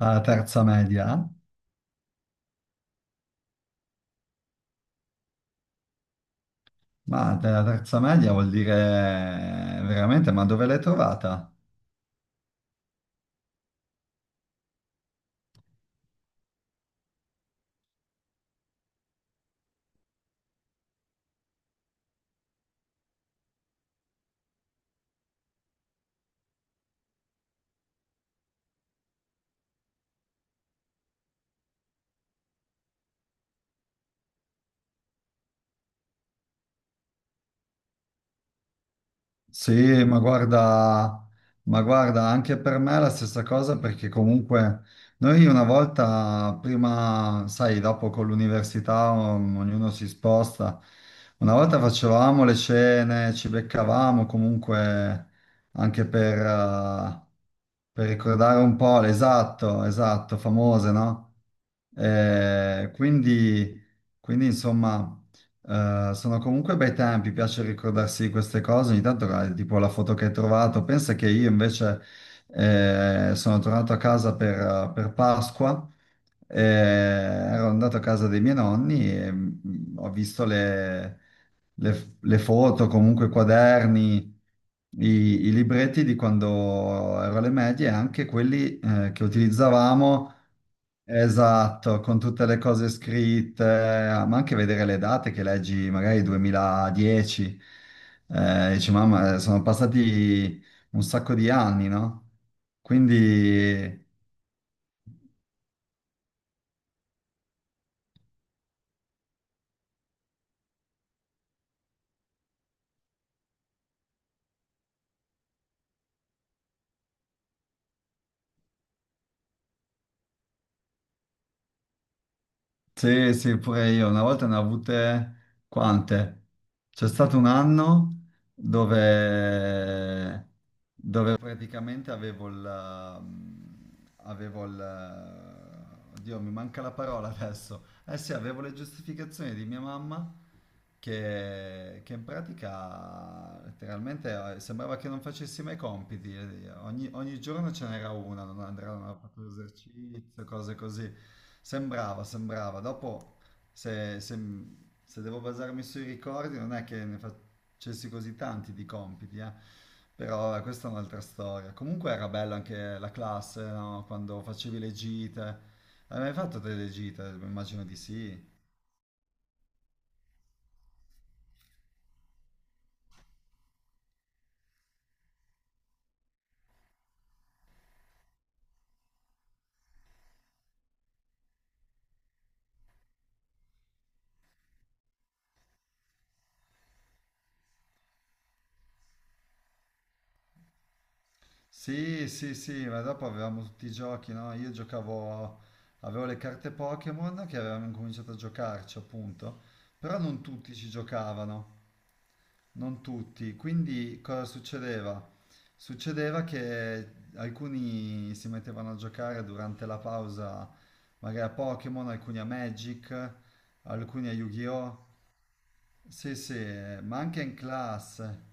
Alla terza media? Ma della terza media vuol dire veramente, ma dove l'hai trovata? Sì, ma guarda, anche per me è la stessa cosa perché comunque noi una volta, prima, sai, dopo con l'università ognuno si sposta, una volta facevamo le cene, ci beccavamo comunque anche per ricordare un po', esatto, esatto, famose, no? Eh, quindi, quindi, insomma. Sono comunque bei tempi, piace ricordarsi di queste cose. Ogni tanto, guarda, tipo la foto che hai trovato. Pensa che io invece sono tornato a casa per Pasqua. Ero andato a casa dei miei nonni e ho visto le foto, comunque i quaderni, i, i libretti di quando ero alle medie e anche quelli che utilizzavamo. Esatto, con tutte le cose scritte, ma anche vedere le date che leggi, magari 2010, dici, mamma, sono passati un sacco di anni, no? Quindi, sì, sì, pure io, una volta ne ho avute quante? C'è stato un anno dove praticamente avevo il... Oddio, mi manca la parola adesso. Eh sì, avevo le giustificazioni di mia mamma che in pratica letteralmente sembrava che non facessi mai compiti. Ogni giorno ce n'era una, non andrà, non ha fatto esercizio, cose così. Sembrava, sembrava. Dopo se, se- se devo basarmi sui ricordi, non è che ne facessi così tanti di compiti, eh. Però vabbè, questa è un'altra storia. Comunque era bella anche la classe, no? Quando facevi le gite. Hai mai fatto delle gite? Immagino di sì. Sì, sì, sì, ma dopo avevamo tutti i giochi, no? Io giocavo, avevo le carte Pokémon che avevamo incominciato a giocarci, appunto, però non tutti ci giocavano. Non tutti, quindi cosa succedeva? Succedeva che alcuni si mettevano a giocare durante la pausa, magari a Pokémon, alcuni a Magic, alcuni a Yu-Gi-Oh! Sì, sì, ma anche in classe.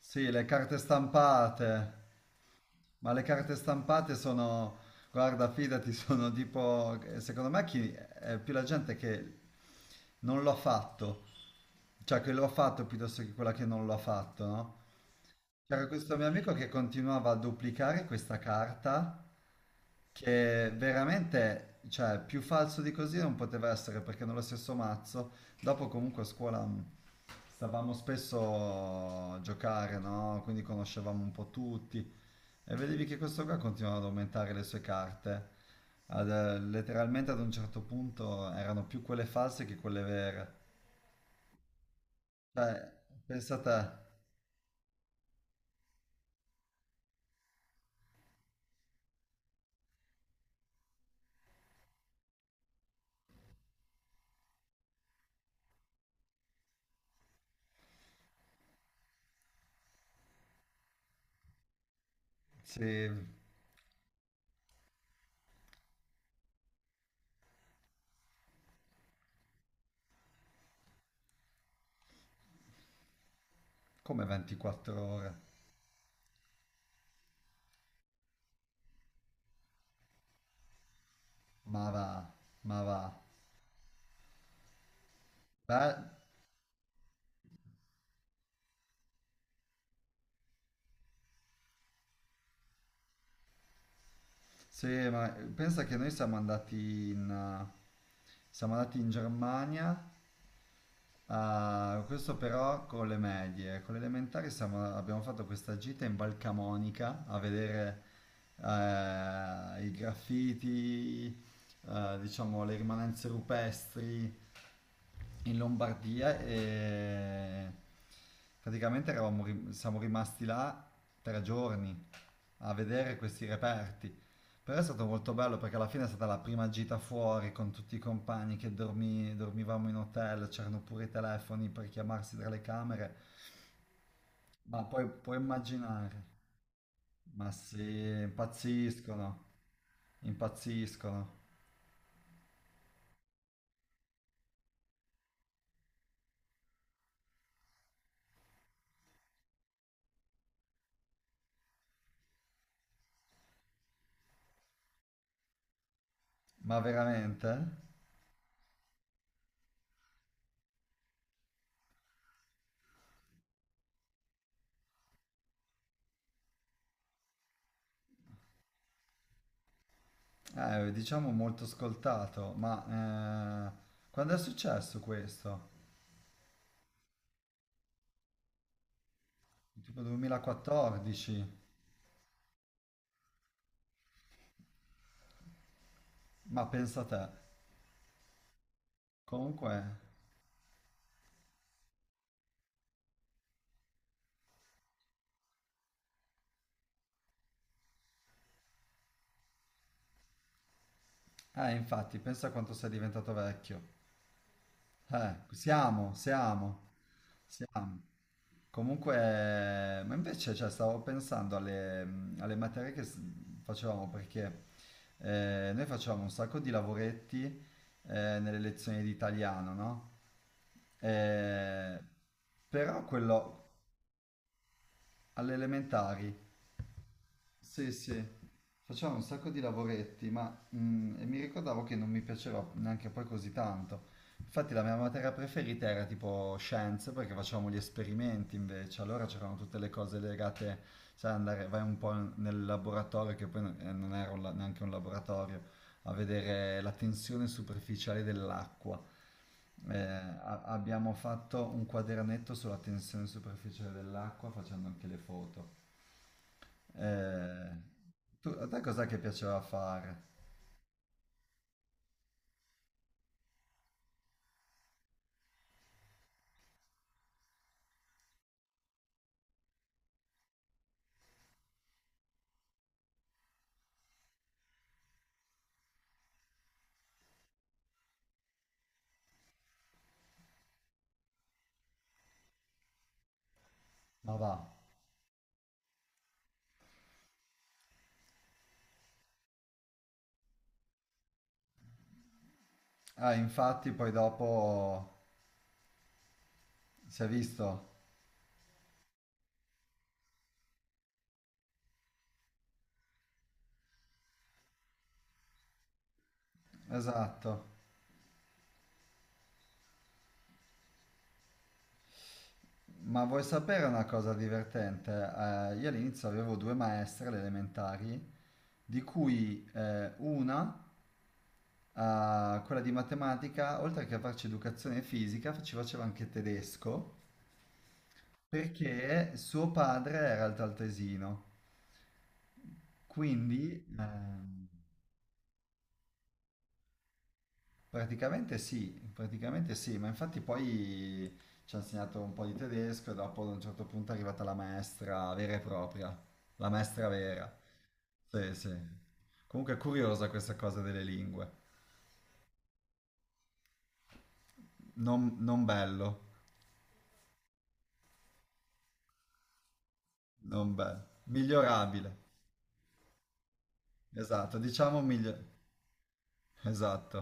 Sì, le carte stampate. Ma le carte stampate sono, guarda, fidati, sono tipo, secondo me chi, è più la gente che non lo ha fatto, cioè che lo ha fatto piuttosto che quella che non lo ha fatto, no? C'era questo mio amico che continuava a duplicare questa carta che veramente, cioè, più falso di così non poteva essere perché nello stesso mazzo, dopo comunque a scuola stavamo spesso a giocare, no? Quindi conoscevamo un po' tutti e vedevi che questo qua continuava ad aumentare le sue carte. Letteralmente ad un certo punto erano più quelle false che quelle vere. Cioè, pensa a te, sì, come 24 ore. Ma va, ma va. Beh, sì, ma pensa che noi siamo andati in Germania, questo però con le medie, con le elementari abbiamo fatto questa gita in Val Camonica a vedere i graffiti, diciamo le rimanenze rupestri in Lombardia e praticamente siamo rimasti là 3 giorni a vedere questi reperti. Però è stato molto bello perché alla fine è stata la prima gita fuori con tutti i compagni che dormivamo in hotel, c'erano pure i telefoni per chiamarsi tra le camere, ma poi puoi immaginare, ma sì, impazziscono, impazziscono, ma veramente? Diciamo molto ascoltato, ma quando è successo questo? Tipo 2014? Ma pensa a te. Comunque, infatti, pensa a quanto sei diventato vecchio. Siamo, siamo, siamo. Comunque, ma invece, cioè, stavo pensando alle, alle materie facevamo, perché noi facevamo un sacco di lavoretti nelle lezioni di italiano, no? Eh, però quello all'elementare sì, sì, facevamo un sacco di lavoretti, ma e mi ricordavo che non mi piaceva neanche poi così tanto. Infatti la mia materia preferita era tipo scienze, perché facevamo gli esperimenti invece, allora c'erano tutte le cose legate, sai, andare, vai un po' nel laboratorio, che poi non era neanche un laboratorio, a vedere la tensione superficiale dell'acqua. Abbiamo fatto un quadernetto sulla tensione superficiale dell'acqua facendo anche le foto. Eh, A te cos'è che piaceva fare? Ma va. Ah, infatti poi dopo si è visto. Esatto. Ma vuoi sapere una cosa divertente? Io all'inizio avevo due maestre alle elementari, di cui una, quella di matematica, oltre che a farci educazione fisica, ci faceva anche tedesco, perché suo padre era il taltesino. Quindi, ehm, praticamente sì, praticamente sì, ma infatti poi ci ha insegnato un po' di tedesco e dopo ad un certo punto è arrivata la maestra vera e propria, la maestra vera. Sì, sì. Comunque è curiosa questa cosa delle lingue. Non, non bello, non bello. Migliorabile. Esatto, diciamo migliorabile. Esatto.